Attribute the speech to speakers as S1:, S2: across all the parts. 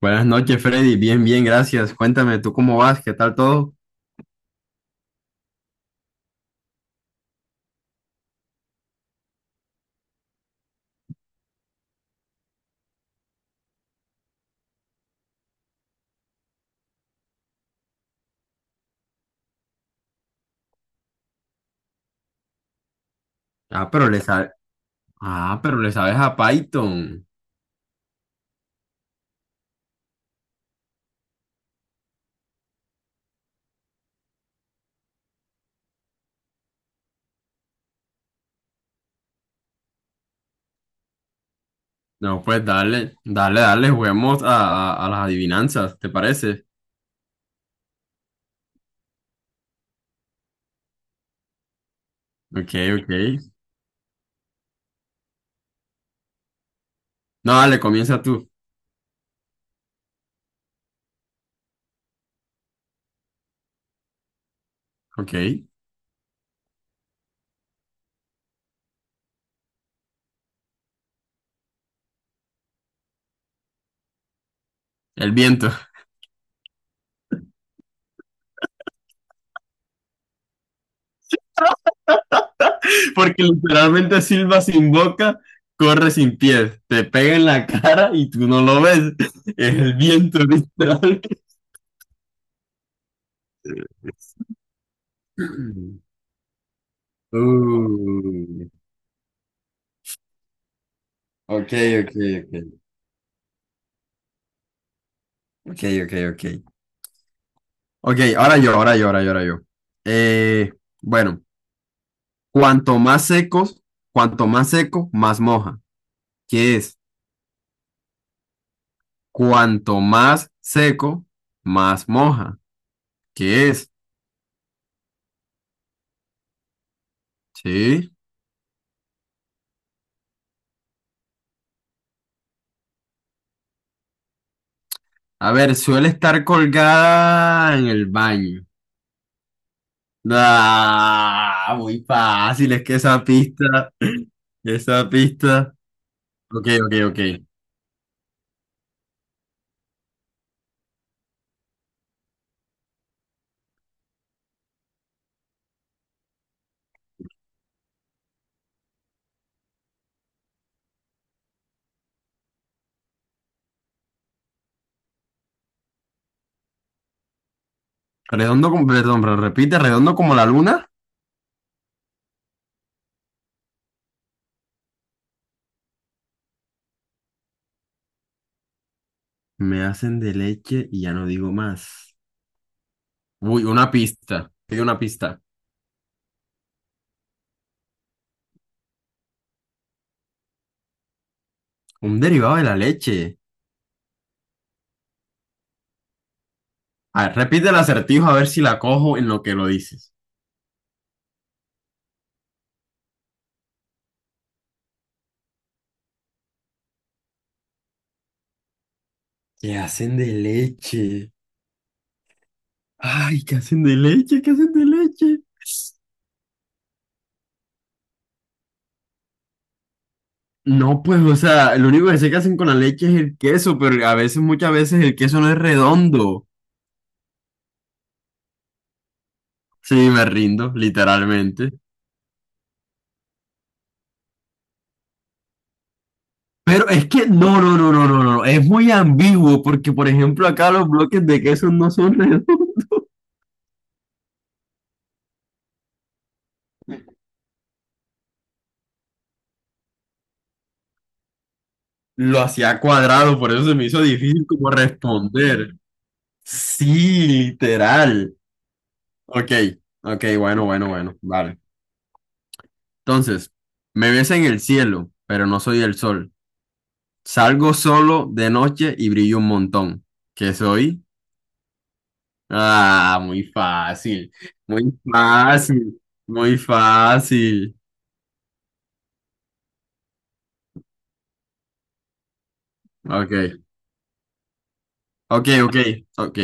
S1: Buenas noches, Freddy. Bien, bien, gracias. Cuéntame, ¿tú cómo vas? ¿Qué tal todo? Ah, pero le sabes. Ah, pero le sabes a Python. No, pues dale, dale, dale, juguemos a las adivinanzas, ¿te parece? Ok, ok. No, dale, comienza tú. Ok. El viento. Porque literalmente silba sin boca, corre sin pies, te pega en la cara y tú no lo ves. Es el viento, literal. Uh, ok, ok, ok. Ok, ok, ok. Ok, ahora yo, ahora yo, ahora yo, ahora yo. Eh, bueno, cuanto más secos, cuanto más seco, más moja. ¿Qué es? Cuanto más seco, más moja. ¿Qué es? Sí. A ver, suele estar colgada en el baño. Ah, muy fácil, es que esa pista, esa pista. Ok, ok, ok. Redondo como, perdón, pero repite, redondo como la luna. Me hacen de leche y ya no digo más. Uy, una pista. Hay una pista. Un derivado de la leche. A ver, repite el acertijo a ver si la cojo en lo que lo dices. ¿Qué hacen de leche? Ay, ¿qué hacen de leche? ¿Qué hacen de leche? No, pues, o sea, lo único que sé que hacen con la leche es el queso, pero a veces, muchas veces el queso no es redondo. Sí, me rindo, literalmente. Pero es que no, no, no, no, no, no, es muy ambiguo porque, por ejemplo, acá los bloques de queso no son redondos. Lo hacía cuadrado, por eso se me hizo difícil como responder. Sí, literal. Ok, ok, bueno, bueno, bueno, vale. Entonces, me ves en el cielo, pero no soy el sol. Salgo solo de noche y brillo un montón. ¿Qué soy? Ah, muy fácil, muy fácil, muy fácil. Ok, ok, ok, ok,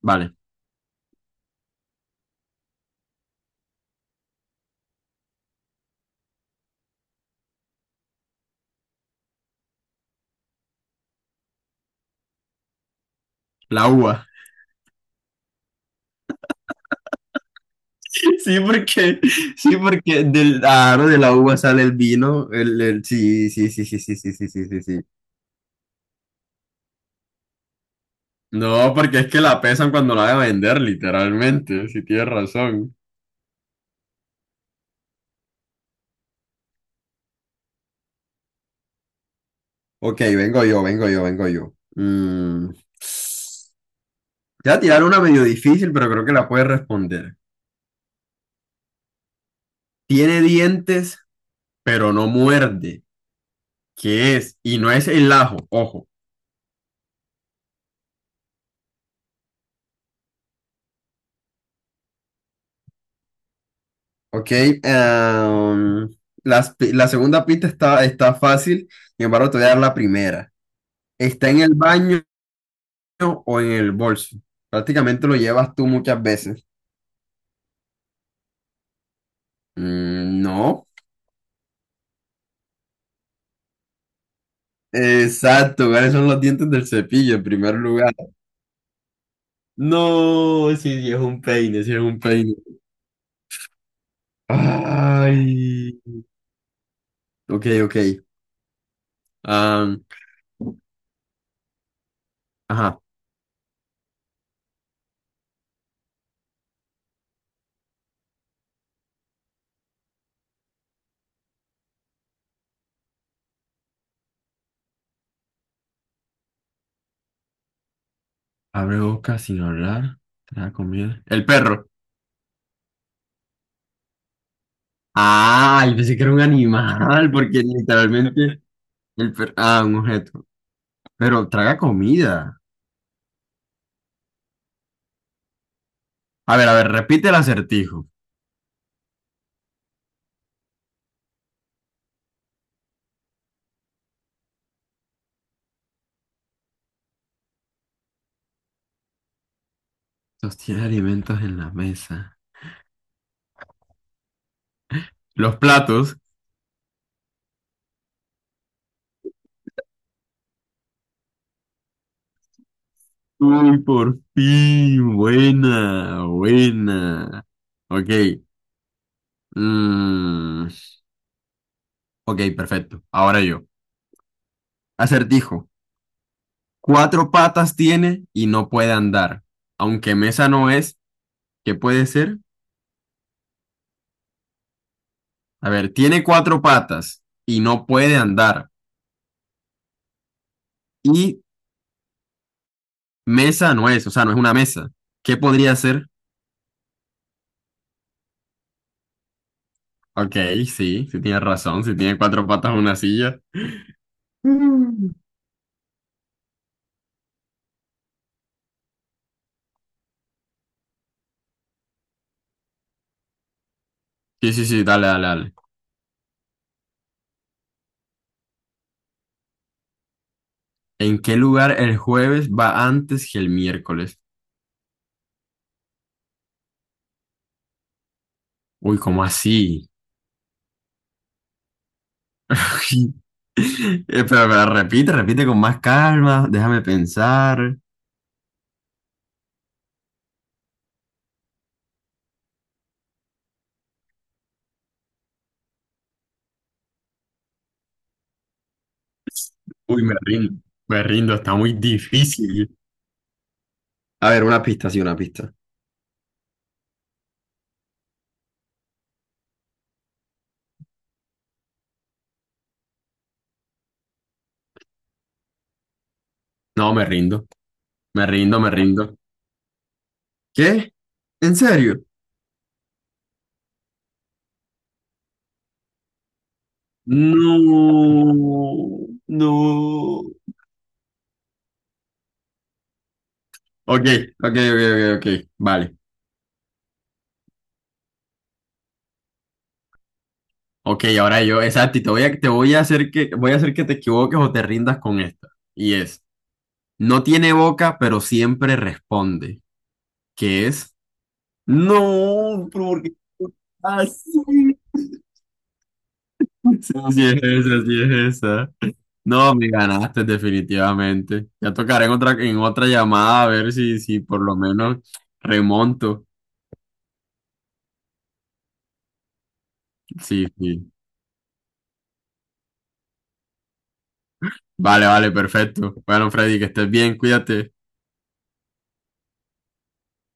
S1: vale. La uva. Sí, porque, sí, porque del aro de la uva sale el vino. Sí, sí. Sí, sí, sí, sí, sí, sí, sí. sí. No, porque es que la pesan cuando la van a vender, literalmente, si tienes razón. Ok, vengo yo, vengo yo, vengo yo. Te voy a tirar una medio difícil, pero creo que la puedes responder. Tiene dientes, pero no muerde. ¿Qué es? Y no es el ajo, ojo. Ok, em, la segunda pista está fácil, sin embargo, te voy a dar la primera. ¿Está en el baño o en el bolso? Prácticamente lo llevas tú muchas veces. Mm, no. Exacto, ¿cuáles son los dientes del cepillo en primer lugar? No, sí, sí, es un peine, sí, es un peine. Ay. Ok, ok. Am, ajá. Abre boca sin hablar. Traga comida. El perro. Ay, pensé que era un animal, porque literalmente el perro. Ah, un objeto. Pero traga comida. A ver, repite el acertijo. Sostiene alimentos en la mesa. Los platos. Uy, por fin. Buena, buena. Ok. mm, ok, perfecto. Ahora yo. Acertijo. Cuatro patas tiene y no puede andar. Aunque mesa no es, ¿qué puede ser? A ver, tiene cuatro patas y no puede andar. Y mesa no es, o sea, no es una mesa. ¿Qué podría ser? Ok, sí, sí tienes razón. Si tiene cuatro patas, una silla. Mm. Sí, sí, sí, dale, dale, dale. ¿En qué lugar el jueves va antes que el miércoles? Uy, ¿cómo así? Pero repite con más calma, déjame pensar. Uy, me rindo, está muy difícil. A ver, una pista, sí, una pista. No, me rindo, me rindo, me rindo. ¿Qué? ¿En serio? No, no. Ok, ok, ok, ok, ok, vale. Ok, ahora yo, exacto, y te voy a hacer que, voy a hacer que te equivoques o te rindas con esta. Y es, no tiene boca, pero siempre responde. ¿Qué es? No, pero ¿por qué? Así. Sí, sí es esa, sí es esa. No, me ganaste definitivamente. Ya tocaré en otra llamada a ver si por lo menos remonto. Sí, sí. Vale, vale, perfecto. Bueno, Freddy, que estés bien, cuídate.